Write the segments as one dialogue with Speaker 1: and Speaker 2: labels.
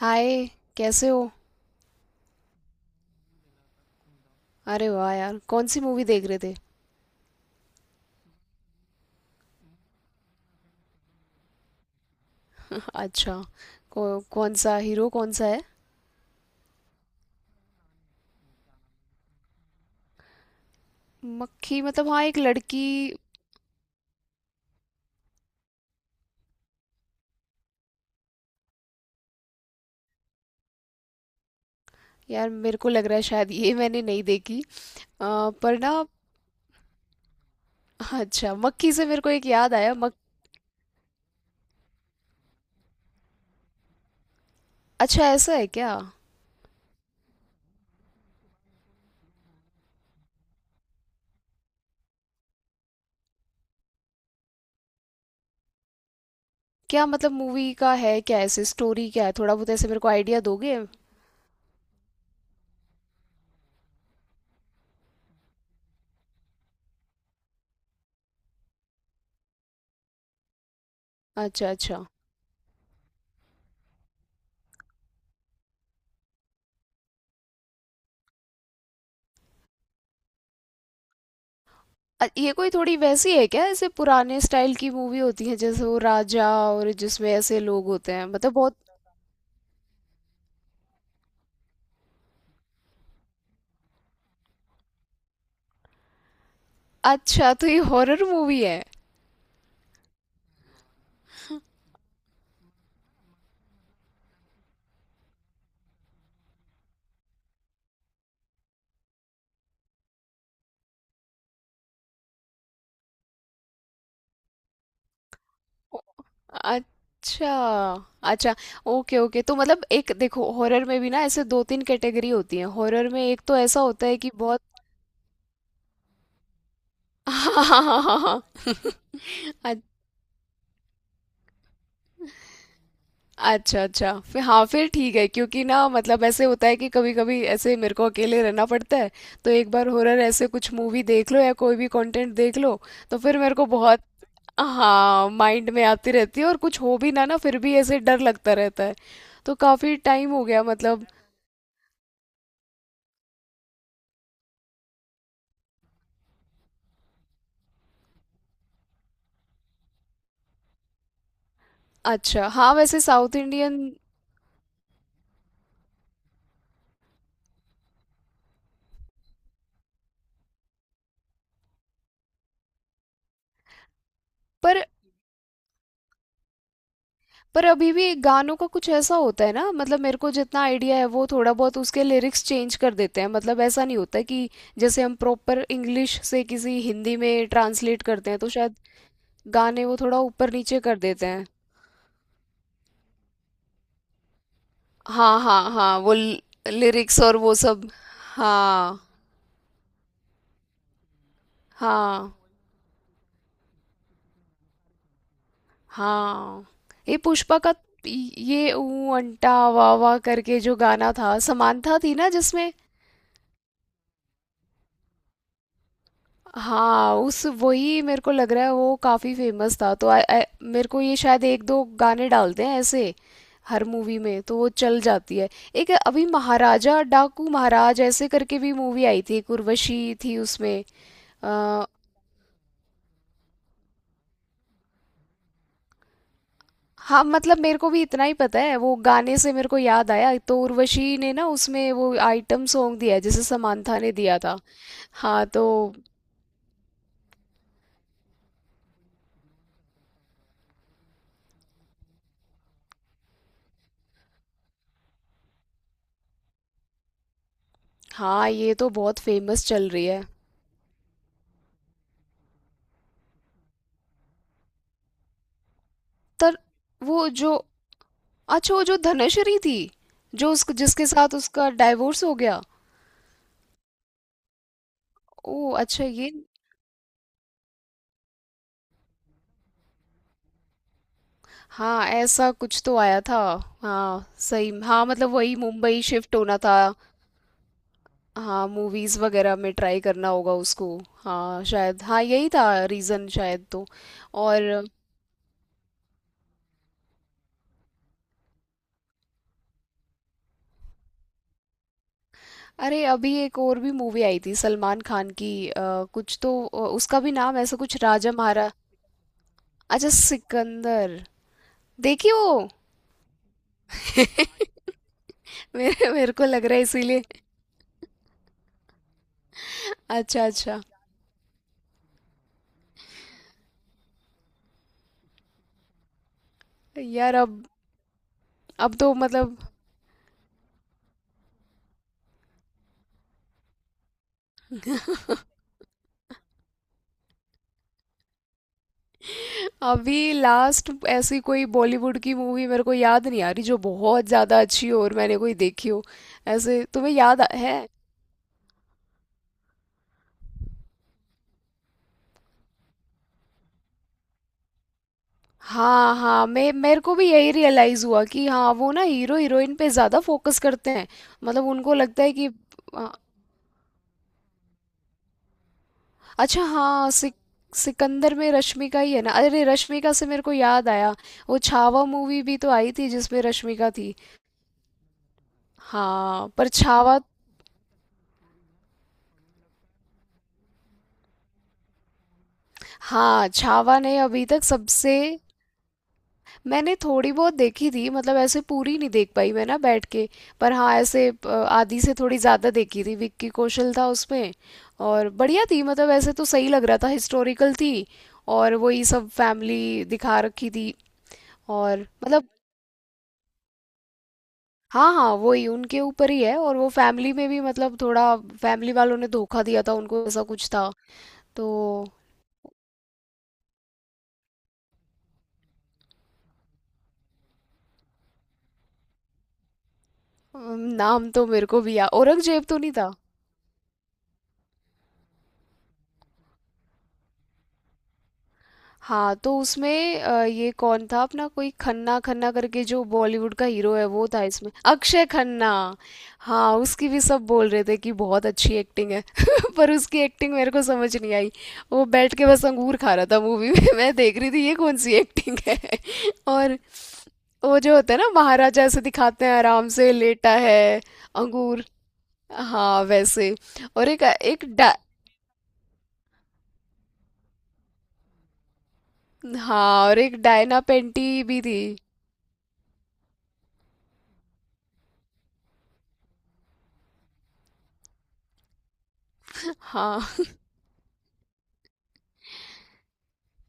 Speaker 1: हाय। कैसे हो? अरे वाह यार, कौन सी मूवी देख रहे थे? अच्छा, कौन सा हीरो कौन सा है? मक्खी मतलब? हाँ, एक लड़की। यार, मेरे को लग रहा है शायद ये मैंने नहीं देखी। पर ना, अच्छा मक्खी से मेरे को एक याद आया मक। अच्छा, ऐसा है क्या? क्या मतलब, मूवी का है क्या ऐसे, स्टोरी क्या है? थोड़ा बहुत ऐसे मेरे को आइडिया दोगे? अच्छा, अच्छा। ये कोई थोड़ी वैसी है क्या, ऐसे पुराने स्टाइल की मूवी होती है जैसे वो राजा, और जिसमें ऐसे लोग होते हैं मतलब बहुत। अच्छा, तो ये हॉरर मूवी है? अच्छा अच्छा, ओके ओके। तो मतलब एक देखो हॉरर में भी ना ऐसे दो तीन कैटेगरी होती है, हॉरर में एक तो ऐसा होता है कि बहुत हाँ हाँ हाँ हाँ। हाँ अच्छा अच्छा, फिर हाँ फिर ठीक है, क्योंकि ना मतलब ऐसे होता है कि कभी कभी ऐसे मेरे को अकेले रहना पड़ता है। तो एक बार हॉरर ऐसे कुछ मूवी देख लो या कोई भी कंटेंट देख लो, तो फिर मेरे को बहुत। हाँ माइंड में आती रहती है, और कुछ हो भी ना ना फिर भी ऐसे डर लगता रहता है। तो काफी टाइम हो गया मतलब। अच्छा हाँ, वैसे साउथ इंडियन। पर पर अभी भी गानों का कुछ ऐसा होता है ना, मतलब मेरे को जितना आइडिया है वो थोड़ा बहुत उसके लिरिक्स चेंज कर देते हैं, मतलब ऐसा नहीं होता कि जैसे हम प्रॉपर इंग्लिश से किसी हिंदी में ट्रांसलेट करते हैं। तो शायद गाने वो थोड़ा ऊपर नीचे कर देते हैं। हाँ हाँ हाँ, वो लिरिक्स और वो सब। हाँ हाँ हाँ, ये पुष्पा का ये ऊ अंटा वाह वाह करके जो गाना था, समांथा थी ना जिसमें। हाँ, उस वही मेरे को लग रहा है वो काफ़ी फेमस था। तो आ, आ, मेरे को ये शायद एक दो गाने डालते हैं ऐसे हर मूवी में, तो वो चल जाती है। एक अभी महाराजा डाकू महाराज ऐसे करके भी मूवी आई थी, एक उर्वशी थी उसमें। आ, हाँ मतलब मेरे को भी इतना ही पता है, वो गाने से मेरे को याद आया तो उर्वशी ने ना उसमें वो आइटम सॉन्ग दिया है जिसे समांथा ने दिया था। हाँ तो, हाँ ये तो बहुत फेमस चल रही है। तर वो जो, अच्छा वो जो धनश्री थी, जो उस जिसके साथ उसका डाइवोर्स हो गया। ओ अच्छा ये, हाँ ऐसा कुछ तो आया था। हाँ सही, हाँ मतलब वही मुंबई शिफ्ट होना था। हाँ मूवीज वगैरह में ट्राई करना होगा उसको। हाँ शायद, हाँ यही था रीजन शायद। तो और, अरे अभी एक और भी मूवी आई थी सलमान खान की कुछ तो उसका भी नाम ऐसा कुछ राजा महारा। अच्छा सिकंदर, देखी वो? मेरे मेरे को लग रहा है इसीलिए। अच्छा अच्छा। यार अब तो मतलब अभी लास्ट ऐसी कोई बॉलीवुड की मूवी मेरे को याद नहीं आ रही जो बहुत ज़्यादा अच्छी हो और मैंने कोई देखी हो। ऐसे तुम्हें याद आ- है? हाँ हाँ, मैं मेरे को भी यही रियलाइज़ हुआ कि हाँ वो ना हीरो हीरोइन पे ज़्यादा फोकस करते हैं, मतलब उनको लगता है कि। आ, अच्छा हाँ, सिकंदर में रश्मिका ही है ना? अरे रश्मिका से मेरे को याद आया, वो छावा मूवी भी तो आई थी जिसमें रश्मिका थी। हाँ पर छावा। हाँ, छावा ने अभी तक सबसे। मैंने थोड़ी बहुत देखी थी, मतलब ऐसे पूरी नहीं देख पाई मैं ना बैठ के। पर हाँ ऐसे आधी से थोड़ी ज़्यादा देखी थी, विक्की कौशल था उसमें। और बढ़िया थी मतलब ऐसे तो सही लग रहा था, हिस्टोरिकल थी, और वही सब फैमिली दिखा रखी थी। और मतलब, हाँ हाँ वही उनके ऊपर ही है, और वो फैमिली में भी मतलब थोड़ा फैमिली वालों ने धोखा दिया था उनको, ऐसा कुछ था तो। नाम तो मेरे को भी याद, औरंगजेब तो नहीं था। हाँ तो उसमें ये कौन था अपना, कोई खन्ना खन्ना करके जो बॉलीवुड का हीरो है वो था इसमें, अक्षय खन्ना। हाँ उसकी भी सब बोल रहे थे कि बहुत अच्छी एक्टिंग है पर उसकी एक्टिंग मेरे को समझ नहीं आई। वो बैठ के बस अंगूर खा रहा था मूवी में मैं देख रही थी ये कौन सी एक्टिंग है। और वो जो होता है ना महाराजा, ऐसे दिखाते हैं आराम से लेटा है, अंगूर। हाँ वैसे, और एक एक डा, हाँ और एक डायना पेंटी भी थी। हाँ,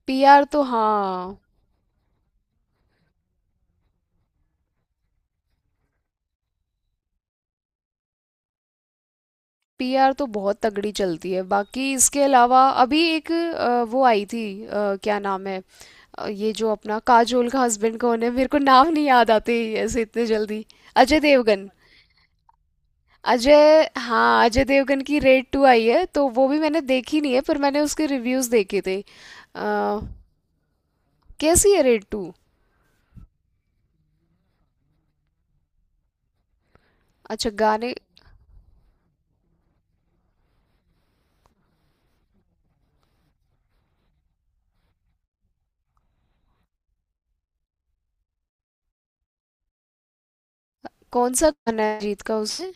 Speaker 1: पीआर तो हाँ। पीआर तो बहुत तगड़ी चलती है। बाकी इसके अलावा अभी एक वो आई थी क्या नाम है, ये जो अपना काजोल का हस्बैंड कौन है, मेरे को नाम नहीं याद आते ऐसे इतने जल्दी। अजय देवगन, अजय हाँ अजय देवगन की रेड टू आई है तो वो भी मैंने देखी नहीं है, पर मैंने उसके रिव्यूज देखे थे। अ, कैसी है रेड टू? अच्छा गाने। कौन सा गाना है अरिजीत का उसमें?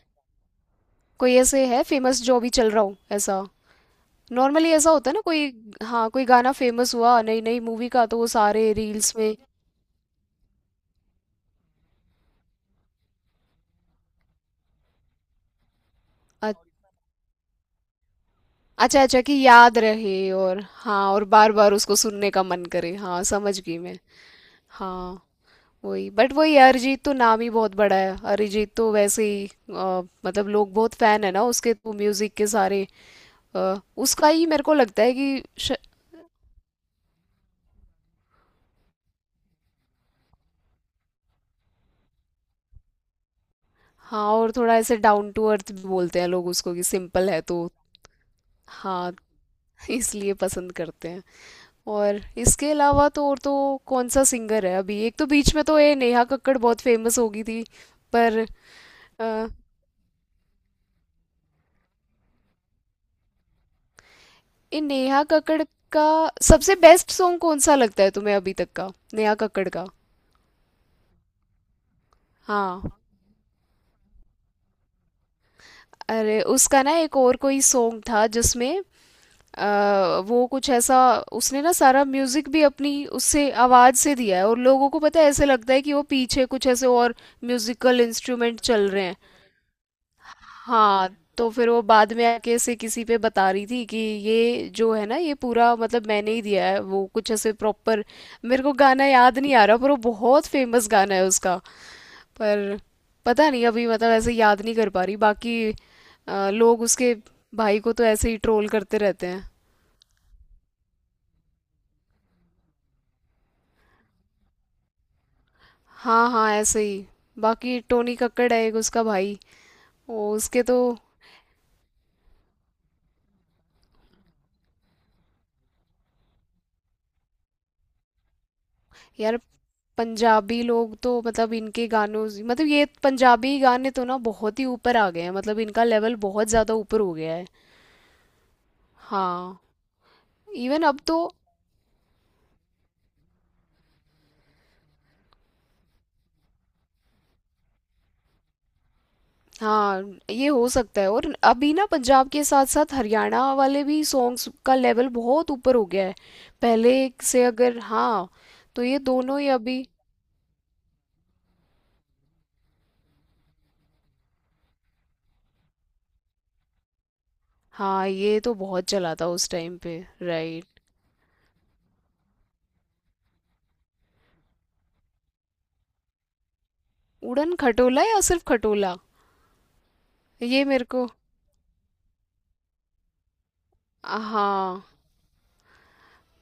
Speaker 1: कोई ऐसे है फेमस जो भी चल रहा हो ऐसा? नॉर्मली ऐसा होता है ना कोई, हाँ कोई गाना फेमस हुआ नई नई मूवी का तो वो सारे रील्स में। अ- अच्छा अच्छा, कि याद रहे, और हाँ और बार बार उसको सुनने का मन करे। हाँ समझ गई मैं। हाँ वही, बट वही अरिजीत तो नाम ही बहुत बड़ा है, अरिजीत तो वैसे ही मतलब लोग बहुत फैन है ना उसके, तो म्यूजिक के सारे उसका ही मेरे को लगता है कि श... हाँ और थोड़ा ऐसे डाउन टू अर्थ भी बोलते हैं लोग उसको कि सिंपल है तो। हाँ इसलिए पसंद करते हैं। और इसके अलावा तो और तो कौन सा सिंगर है अभी? एक तो बीच में तो ये नेहा कक्कड़ बहुत फेमस हो गई थी। पर अ, ये नेहा कक्कड़ का सबसे बेस्ट सॉन्ग कौन सा लगता है तुम्हें अभी तक का, नेहा कक्कड़ का? हाँ अरे उसका ना एक और कोई सॉन्ग था जिसमें वो कुछ ऐसा, उसने ना सारा म्यूजिक भी अपनी उससे आवाज से दिया है, और लोगों को पता है ऐसे लगता है कि वो पीछे कुछ ऐसे और म्यूजिकल इंस्ट्रूमेंट चल रहे हैं। हाँ तो फिर वो बाद में आके से किसी पे बता रही थी कि ये जो है ना ये पूरा मतलब मैंने ही दिया है, वो कुछ ऐसे प्रॉपर। मेरे को गाना याद नहीं आ रहा पर वो बहुत फेमस गाना है उसका। पर पता नहीं, अभी मतलब ऐसे याद नहीं कर पा रही बाकी। लोग उसके भाई को तो ऐसे ही ट्रोल करते रहते हैं। हाँ हाँ ऐसे ही। बाकी टोनी कक्कड़ है एक उसका भाई, वो उसके तो। यार पंजाबी लोग तो मतलब इनके गानों से- मतलब ये पंजाबी गाने तो ना बहुत ही ऊपर आ गए हैं, मतलब इनका लेवल बहुत ज़्यादा ऊपर हो गया है। हाँ इवन अब तो, हाँ ये हो सकता है। और अभी ना पंजाब के साथ साथ हरियाणा वाले भी सॉन्ग्स का लेवल बहुत ऊपर हो गया है पहले से, अगर हाँ तो ये दोनों ही अभी। हाँ ये तो बहुत चला था उस टाइम पे राइट। उड़न खटोला या सिर्फ खटोला? ये मेरे को, हाँ।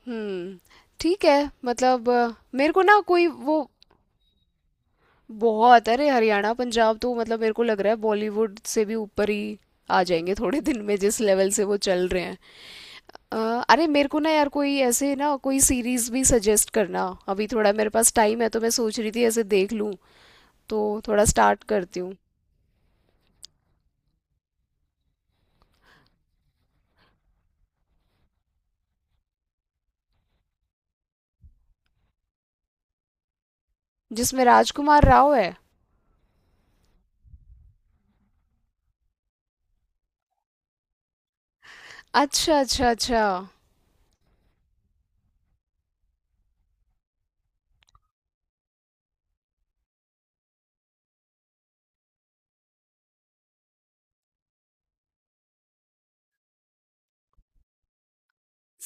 Speaker 1: हम्म ठीक है मतलब मेरे को ना कोई वो बहुत, अरे हरियाणा पंजाब तो मतलब मेरे को लग रहा है बॉलीवुड से भी ऊपर ही आ जाएंगे थोड़े दिन में, जिस लेवल से वो चल रहे हैं। अ, अरे मेरे को ना यार कोई ऐसे ना कोई सीरीज भी सजेस्ट करना, अभी थोड़ा मेरे पास टाइम है तो मैं सोच रही थी ऐसे देख लूं। तो थोड़ा स्टार्ट करती हूँ। जिसमें राजकुमार राव है? अच्छा अच्छा अच्छा।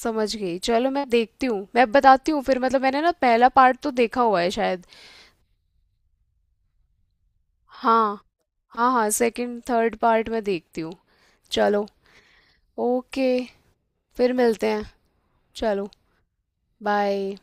Speaker 1: समझ गई, चलो मैं देखती हूँ, मैं बताती हूँ फिर। मतलब मैंने ना पहला पार्ट तो देखा हुआ है शायद। हाँ हाँ हाँ, सेकंड थर्ड पार्ट मैं देखती हूँ। चलो, ओके, फिर मिलते हैं, चलो, बाय।